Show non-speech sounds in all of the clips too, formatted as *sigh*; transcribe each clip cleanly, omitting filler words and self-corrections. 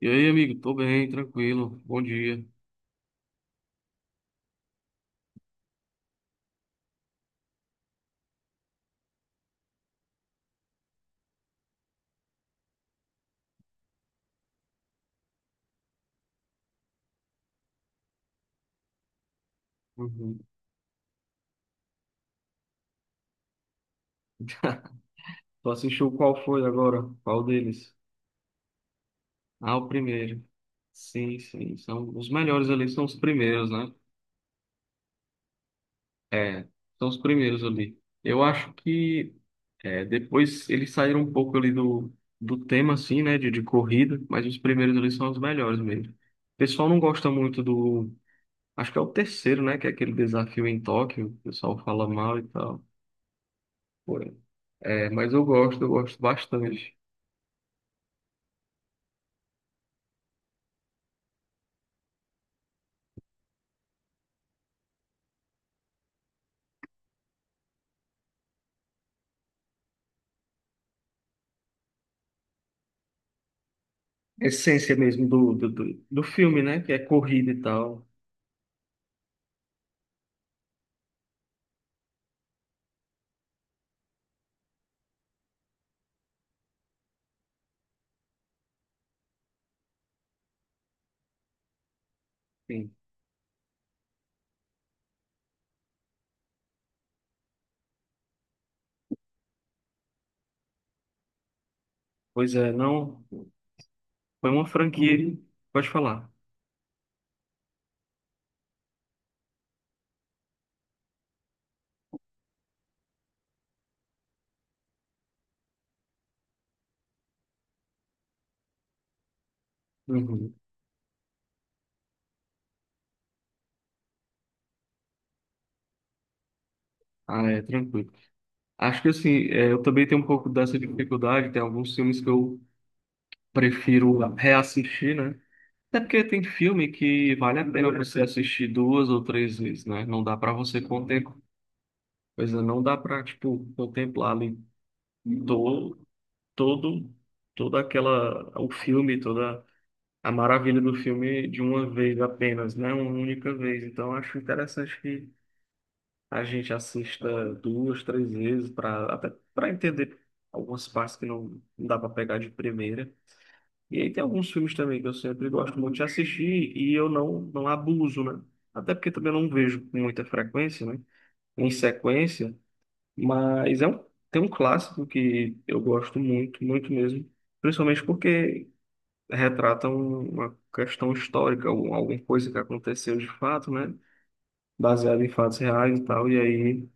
E aí, amigo? Tô bem, tranquilo. Bom dia. Uhum. *laughs* Tu assistiu qual foi agora? Qual deles? Ah, o primeiro. Sim. São os melhores ali, são os primeiros, né? É, são os primeiros ali. Eu acho que depois eles saíram um pouco ali do tema, assim, né? De corrida, mas os primeiros ali são os melhores mesmo. O pessoal não gosta muito do. Acho que é o terceiro, né? Que é aquele desafio em Tóquio. O pessoal fala mal e tal. Porém. É, mas eu gosto bastante. A essência mesmo do filme, né? Que é corrida e tal. Sim. Pois é, não. Foi uma franquia. Uhum. Pode falar. Uhum. Ah, é, tranquilo. Acho que assim, é, eu também tenho um pouco dessa dificuldade. Tem alguns filmes que eu prefiro reassistir, né? Até porque tem filme que vale a pena você assistir duas ou três vezes, né? Não dá pra você contemplar. Pois é, não dá pra, tipo, contemplar ali todo toda aquela o filme, toda a maravilha do filme de uma vez apenas, né? Uma única vez. Então eu acho interessante que a gente assista duas, três vezes para até para entender algumas partes que não dá para pegar de primeira. E aí tem alguns filmes também que eu sempre gosto muito de assistir e eu não abuso, né? Até porque também eu não vejo com muita frequência, né? Em sequência, mas é um, tem um clássico que eu gosto muito, muito mesmo. Principalmente porque uma questão histórica, ou alguma coisa que aconteceu de fato, né? Baseado em fatos reais e tal. E aí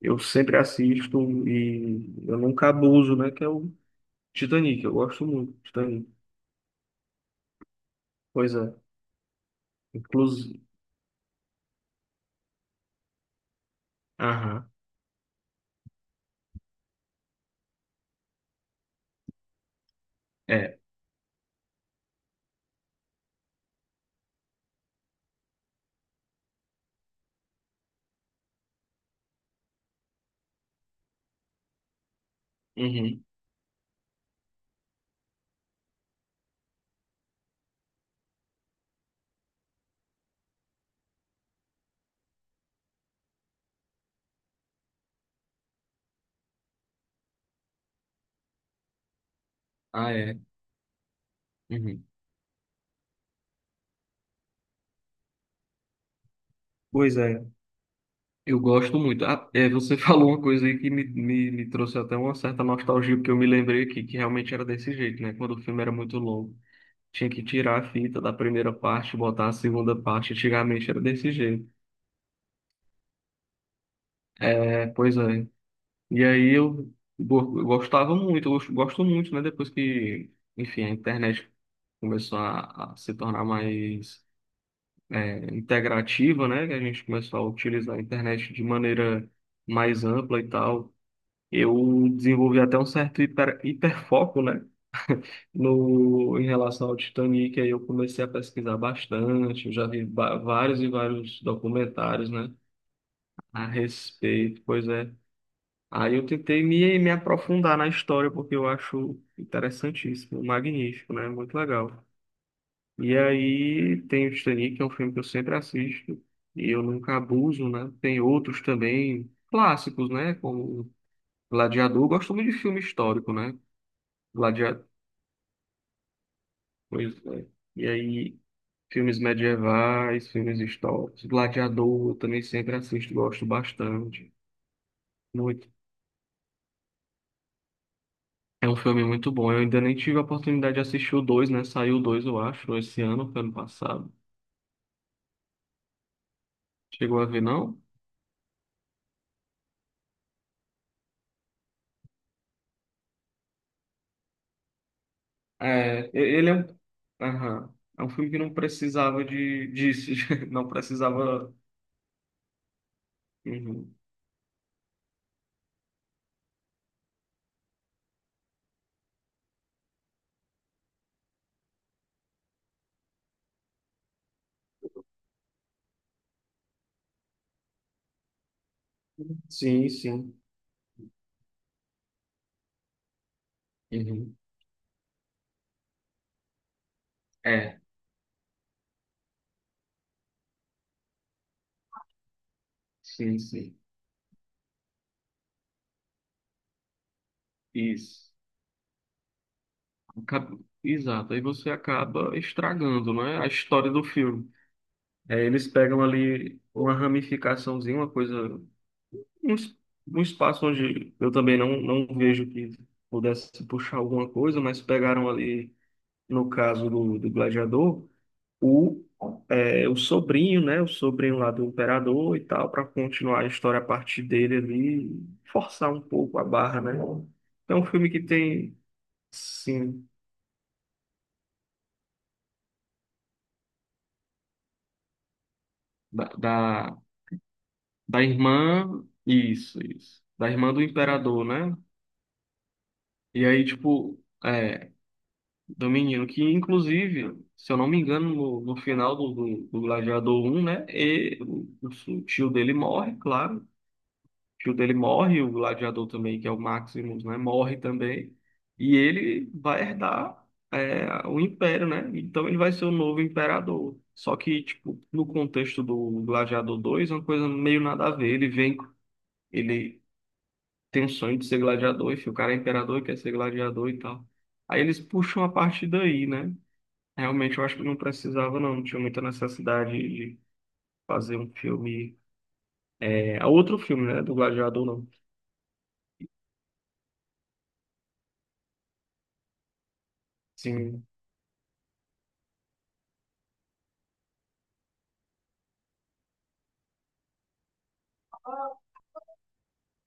eu sempre assisto e eu nunca abuso, né? Que é o Titanic. Eu gosto muito do Titanic. Pois é. Inclusive. Aham. É. Uhum. Ah, é. Uhum. Pois é. Eu gosto muito. Ah, é, você *laughs* falou uma coisa aí que me trouxe até uma certa nostalgia, porque eu me lembrei aqui que realmente era desse jeito, né? Quando o filme era muito longo. Tinha que tirar a fita da primeira parte, botar a segunda parte. Antigamente era desse jeito. É, pois é. E aí eu gostava muito, eu gosto muito, né? Depois que, enfim, a internet começou a se tornar mais integrativa, né? Que a gente começou a utilizar a internet de maneira mais ampla e tal. Eu desenvolvi até um certo hiperfoco, né? *laughs* No, Em relação ao Titanic, aí eu comecei a pesquisar bastante, eu já vários e vários documentários, né, a respeito, pois é. Aí eu tentei me aprofundar na história, porque eu acho interessantíssimo, magnífico, né, muito legal. E aí tem o Titanic, que é um filme que eu sempre assisto, e eu nunca abuso, né, tem outros também, clássicos, né, como Gladiador, eu gosto muito de filme histórico, né, Gladiador. Pois é. E aí, filmes medievais, filmes históricos. Gladiador, eu também sempre assisto, gosto bastante. Muito. É um filme muito bom. Eu ainda nem tive a oportunidade de assistir o 2, né? Saiu o 2, eu acho, esse ano, foi ano passado. Chegou a ver, não? É, ele é um. Aham. É um filme que não precisava de, disso, *laughs* não precisava. Uhum. Sim. Uhum. É, sim. Isso. Exato, aí você acaba estragando, né, a história do filme. É, eles pegam ali uma ramificaçãozinha, uma coisa, um, es- um espaço onde eu também não vejo que pudesse puxar alguma coisa, mas pegaram ali, no caso do Gladiador, o, o sobrinho, né, o sobrinho lá do imperador e tal, para continuar a história a partir dele ali, forçar um pouco a barra, né? É um filme que tem, sim, da, da- Da irmã. Isso. Da irmã do imperador, né? E aí, tipo, é, do menino, que inclusive, se eu não me engano, no final do Gladiador 1, né? O tio dele morre, claro. O tio dele morre, o gladiador também, que é o Maximus, né? Morre também. E ele vai herdar o império, né? Então ele vai ser o novo imperador. Só que, tipo, no contexto do Gladiador 2, é uma coisa meio nada a ver. Ele vem. Ele tem um sonho de ser gladiador, enfim, o cara é imperador e quer ser gladiador e tal. Aí eles puxam a partir daí, né? Realmente eu acho que não precisava, não tinha muita necessidade de fazer um filme. É, é outro filme, né? Do Gladiador, não. Sim,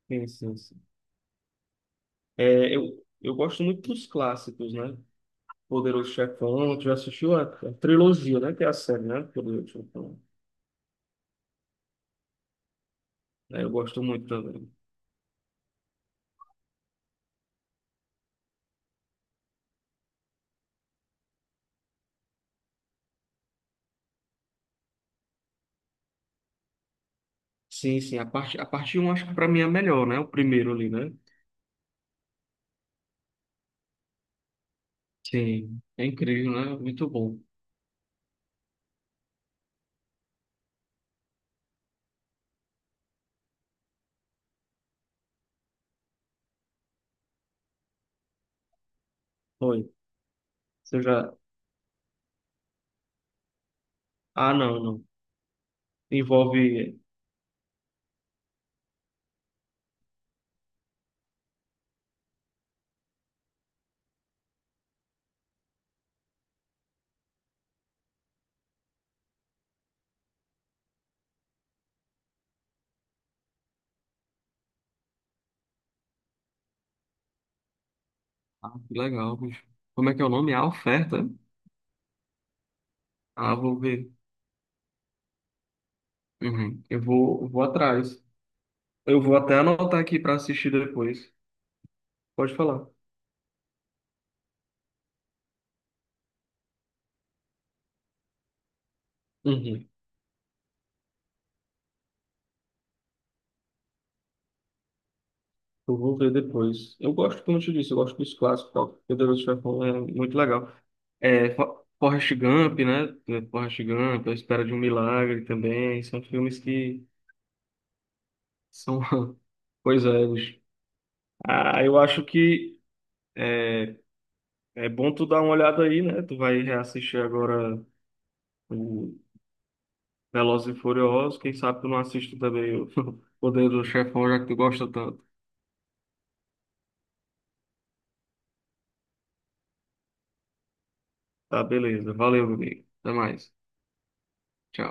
sim. É, eu gosto muito dos clássicos, né? Poderoso Chefão, tu já assistiu a trilogia, né? Que é a série, né? Poderoso Chefão. É, eu gosto muito também. Sim, sim, a parte um acho que pra mim é a melhor, né? O primeiro ali, né? Sim, é incrível, né? Muito bom. Foi. Você já. Ah, não, não. Envolve. Ah, que legal, bicho. Como é que é o nome? A oferta? Ah, vou ver. Uhum. Vou atrás. Eu vou até anotar aqui para assistir depois. Pode falar. Uhum. Eu vou ver depois. Eu gosto, como eu te disse, eu gosto dos clássicos. Tá? Poderoso Chefão é muito legal. É, Forrest Gump, né? É, Forrest Gump, A Espera de um Milagre também. São filmes que são. *laughs* Pois é, bicho. Ah, eu acho que. É, É bom tu dar uma olhada aí, né? Tu vai reassistir agora o Velozes e Furiosos. Quem sabe tu não assiste também o *laughs* Poder do Chefão, já que tu gosta tanto. Tá, beleza. Valeu, meu amigo. Até mais. Tchau.